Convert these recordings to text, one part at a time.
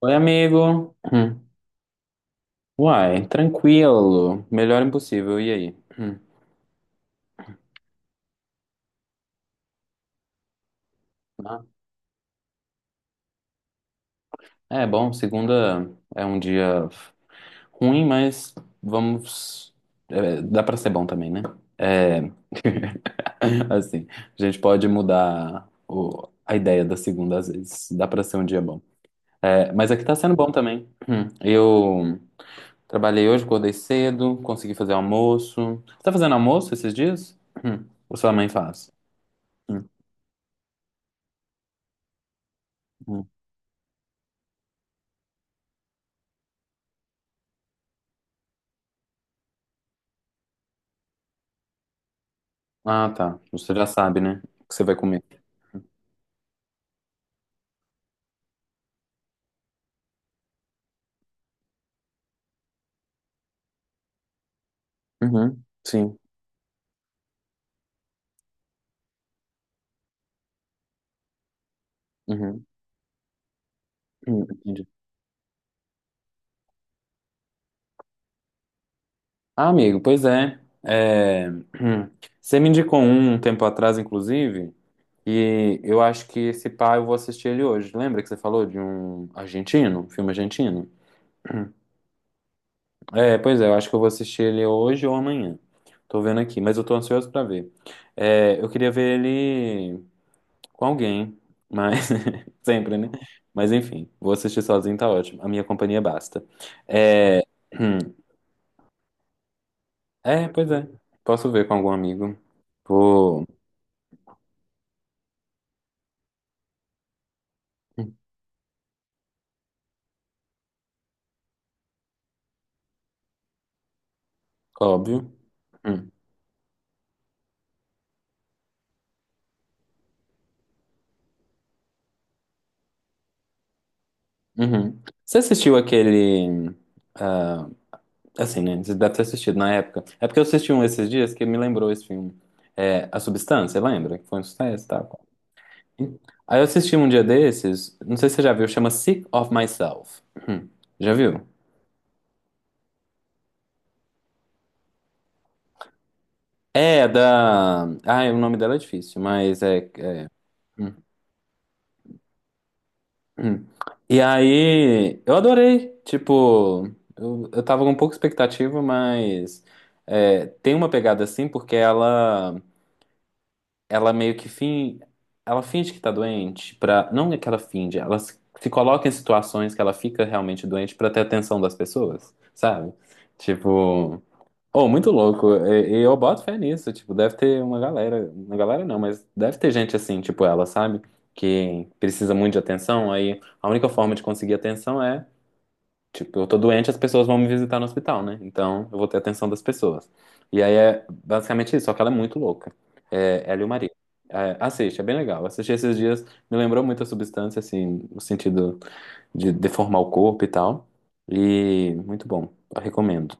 Oi, amigo. Hum. Uai, tranquilo. Melhor impossível. E aí? Hum. Ah, É bom, segunda é um dia ruim, mas vamos. É, dá pra ser bom também, né? É. Assim, a gente pode mudar a ideia da segunda às vezes. Dá pra ser um dia bom. É, mas aqui tá sendo bom também. Hum. Eu trabalhei hoje, acordei cedo, consegui fazer almoço. Você tá fazendo almoço esses dias? Hum. Ou sua mãe faz? Hum. Hum. Ah, tá. Você já sabe, né? O que você vai comer. Uhum, sim. Uhum, entendi. Ah, amigo, pois é. É, você me indicou um tempo atrás, inclusive, e eu acho que esse pá eu vou assistir ele hoje. Lembra que você falou de um argentino, um filme argentino? É, pois é, eu acho que eu vou assistir ele hoje ou amanhã. Tô vendo aqui, mas eu tô ansioso pra ver. É, eu queria ver ele com alguém, mas sempre, né? Mas enfim, vou assistir sozinho, tá ótimo. A minha companhia basta. É, hum, é, pois é. Posso ver com algum amigo. Vou, hum, óbvio. Hum, uhum. Você assistiu aquele. ah, assim, né? Você deve ter assistido na época. É porque eu assisti um esses dias que me lembrou esse filme. É, A Substância, lembra? Que foi um sucesso e tal. Hum. Aí eu assisti um dia desses, não sei se você já viu, chama Sick of Myself. Hum, Já viu? É, da. Ai, o nome dela é difícil, mas é. Hum, hum. E aí, eu adorei. Tipo, eu tava com pouca expectativa, mas é, tem uma pegada assim, porque ela, ela meio que fin, ela finge que tá doente pra. Não é que ela finge, ela se coloca em situações que ela fica realmente doente pra ter atenção das pessoas, sabe? Tipo. Oh, muito louco. E eu boto fé nisso. Tipo, deve ter uma galera. Uma galera não, mas deve ter gente assim, tipo ela, sabe? Que precisa muito de atenção. Aí a única forma de conseguir atenção é, tipo, eu tô doente, as pessoas vão me visitar no hospital, né? Então eu vou ter atenção das pessoas. E aí é basicamente isso, só que ela é muito louca. É, ela e o marido. É, assiste, é bem legal. Assisti esses dias, me lembrou muito a substância, assim, no sentido de deformar o corpo e tal. E muito bom. Eu recomendo.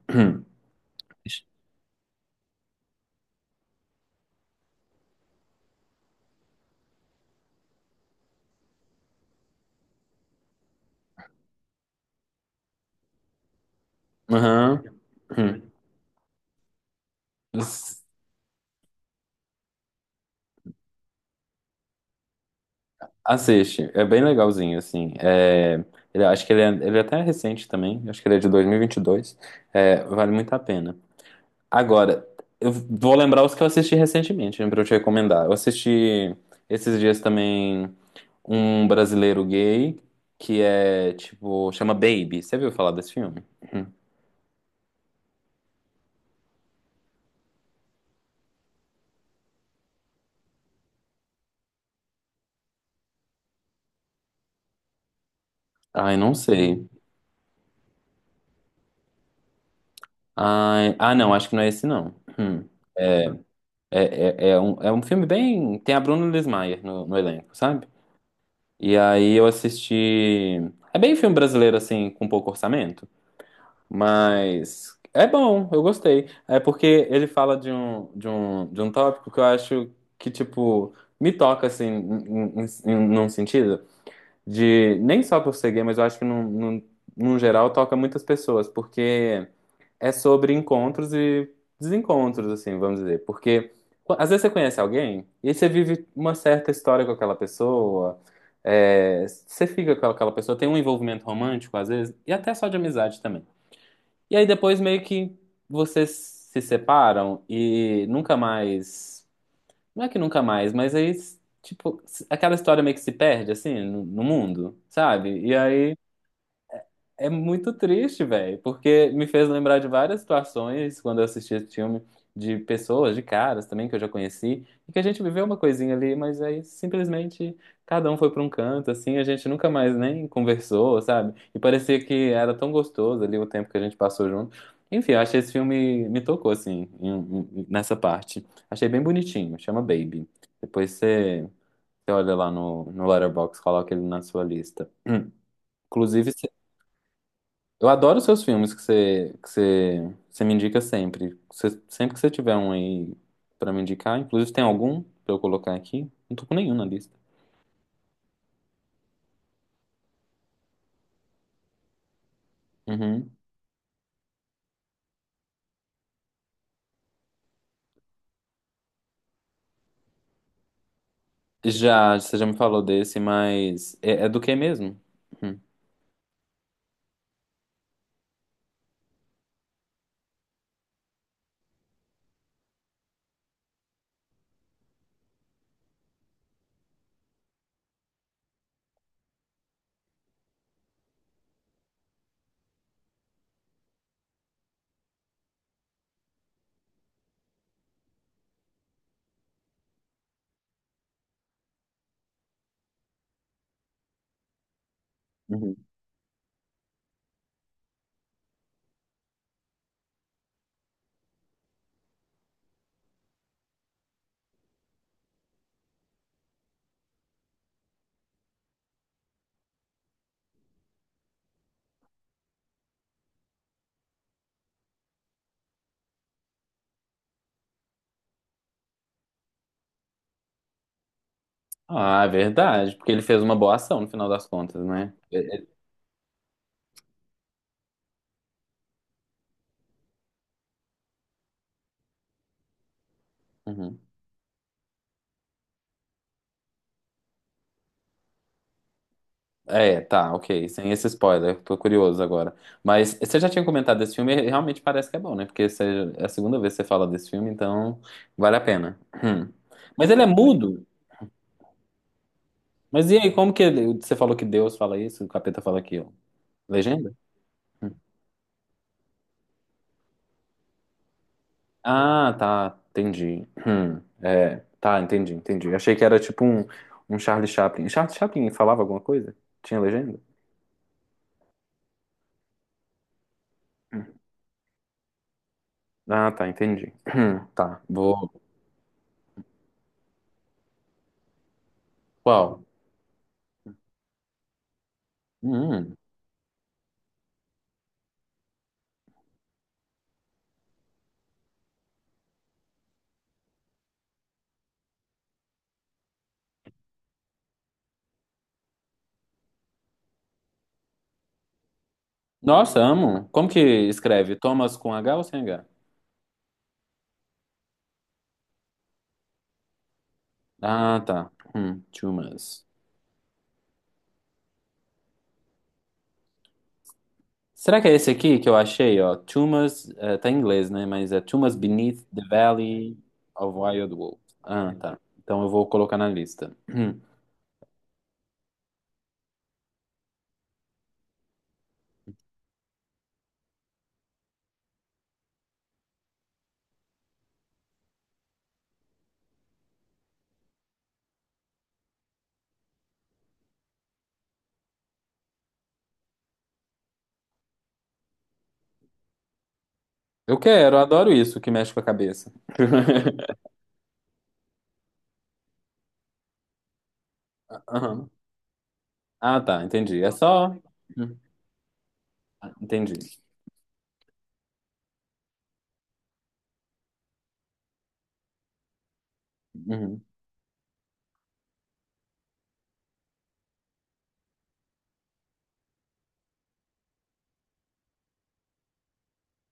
Aham. Hum. S- Assiste, é bem legalzinho, assim. É, acho que ele é até recente também, acho que ele é de 2022. É, vale muito a pena. Agora, eu vou lembrar os que eu assisti recentemente, né, pra eu te recomendar. Eu assisti esses dias também um brasileiro gay, que é, tipo, chama Baby. Você viu falar desse filme? Ai, não sei. Ai, ah, não, acho que não é esse, não. Hum. É um filme bem. Tem a Bruna Lismayer no elenco, sabe? E aí eu assisti. É bem filme brasileiro, assim, com pouco orçamento, mas é bom, eu gostei. É porque ele fala de um tópico que eu acho que, tipo, me toca, assim, num sentido de. Nem só por ser gay, mas eu acho que, num geral, toca muitas pessoas, porque é sobre encontros e desencontros, assim, vamos dizer. Porque às vezes você conhece alguém e você vive uma certa história com aquela pessoa, é, você fica com aquela pessoa, tem um envolvimento romântico às vezes, e até só de amizade também. E aí depois meio que vocês se separam e nunca mais. Não é que nunca mais, mas aí, tipo, aquela história meio que se perde, assim, no mundo, sabe? E aí é muito triste, velho, porque me fez lembrar de várias situações quando eu assisti esse filme, de pessoas, de caras também que eu já conheci, e que a gente viveu uma coisinha ali, mas aí simplesmente cada um foi pra um canto, assim, a gente nunca mais nem conversou, sabe? E parecia que era tão gostoso ali o tempo que a gente passou junto. Enfim, eu achei esse filme, me tocou, assim, nessa parte. Achei bem bonitinho, chama Baby. Depois você, você olha lá no Letterboxd, coloca ele na sua lista. Inclusive, eu adoro os seus filmes que você, você me indica sempre. Sempre que você tiver um aí pra me indicar, inclusive tem algum pra eu colocar aqui? Não tô com nenhum na lista. Uhum. Já, você já me falou desse, mas é, é do que mesmo? Uhum. Uhum. Ah, é verdade, porque ele fez uma boa ação no final das contas, né? Uhum. É, tá, ok. Sem esse spoiler, tô curioso agora. Mas você já tinha comentado desse filme, e realmente parece que é bom, né? Porque é a segunda vez que você fala desse filme, então vale a pena. Hum. Mas ele é mudo? Mas e aí, como que você falou que Deus fala isso, o capeta fala aquilo? Legenda? Hum. Ah, tá, entendi. Hum. É, tá, entendi, entendi. Achei que era tipo um, um Charlie Chaplin. Charlie Chaplin falava alguma coisa? Tinha legenda? Ah, tá, entendi. Tá, vou. Qual? Nossa, amo. Como que escreve? Thomas com H ou sem H? Ah, tá. Tumas. Será que é esse aqui que eu achei, ó? Tumas, eh, tá em inglês, né? Mas é Tumas Beneath the Valley of Wild Wolves. Ah, tá. Então eu vou colocar na lista. Hum. Eu quero, eu adoro isso que mexe com a cabeça. Aham. Ah, tá, entendi. É só. Hum, Entendi. Uhum.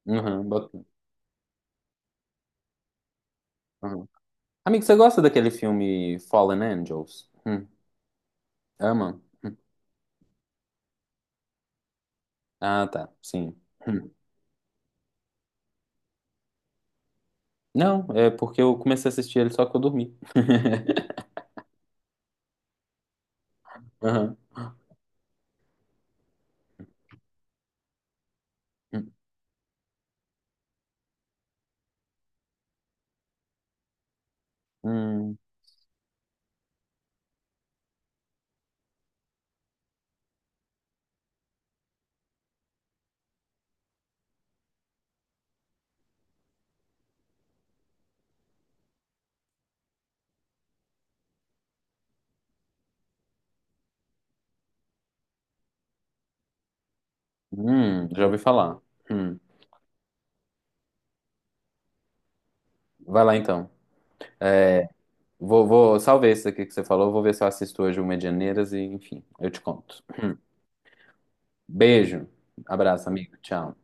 Uhum. bota- uhum. Amigo, você gosta daquele filme Fallen Angels? Hum. Ama? Hum. Ah, tá. Sim. Hum. Não, é porque eu comecei a assistir ele só que eu dormi. Aham. Hum, hum, já ouvi falar. Hum. Vai lá então. É, vou, salvei esse aqui que você falou, vou ver se eu assisto hoje o Medianeiras e, enfim, eu te conto. Beijo, abraço, amigo, tchau.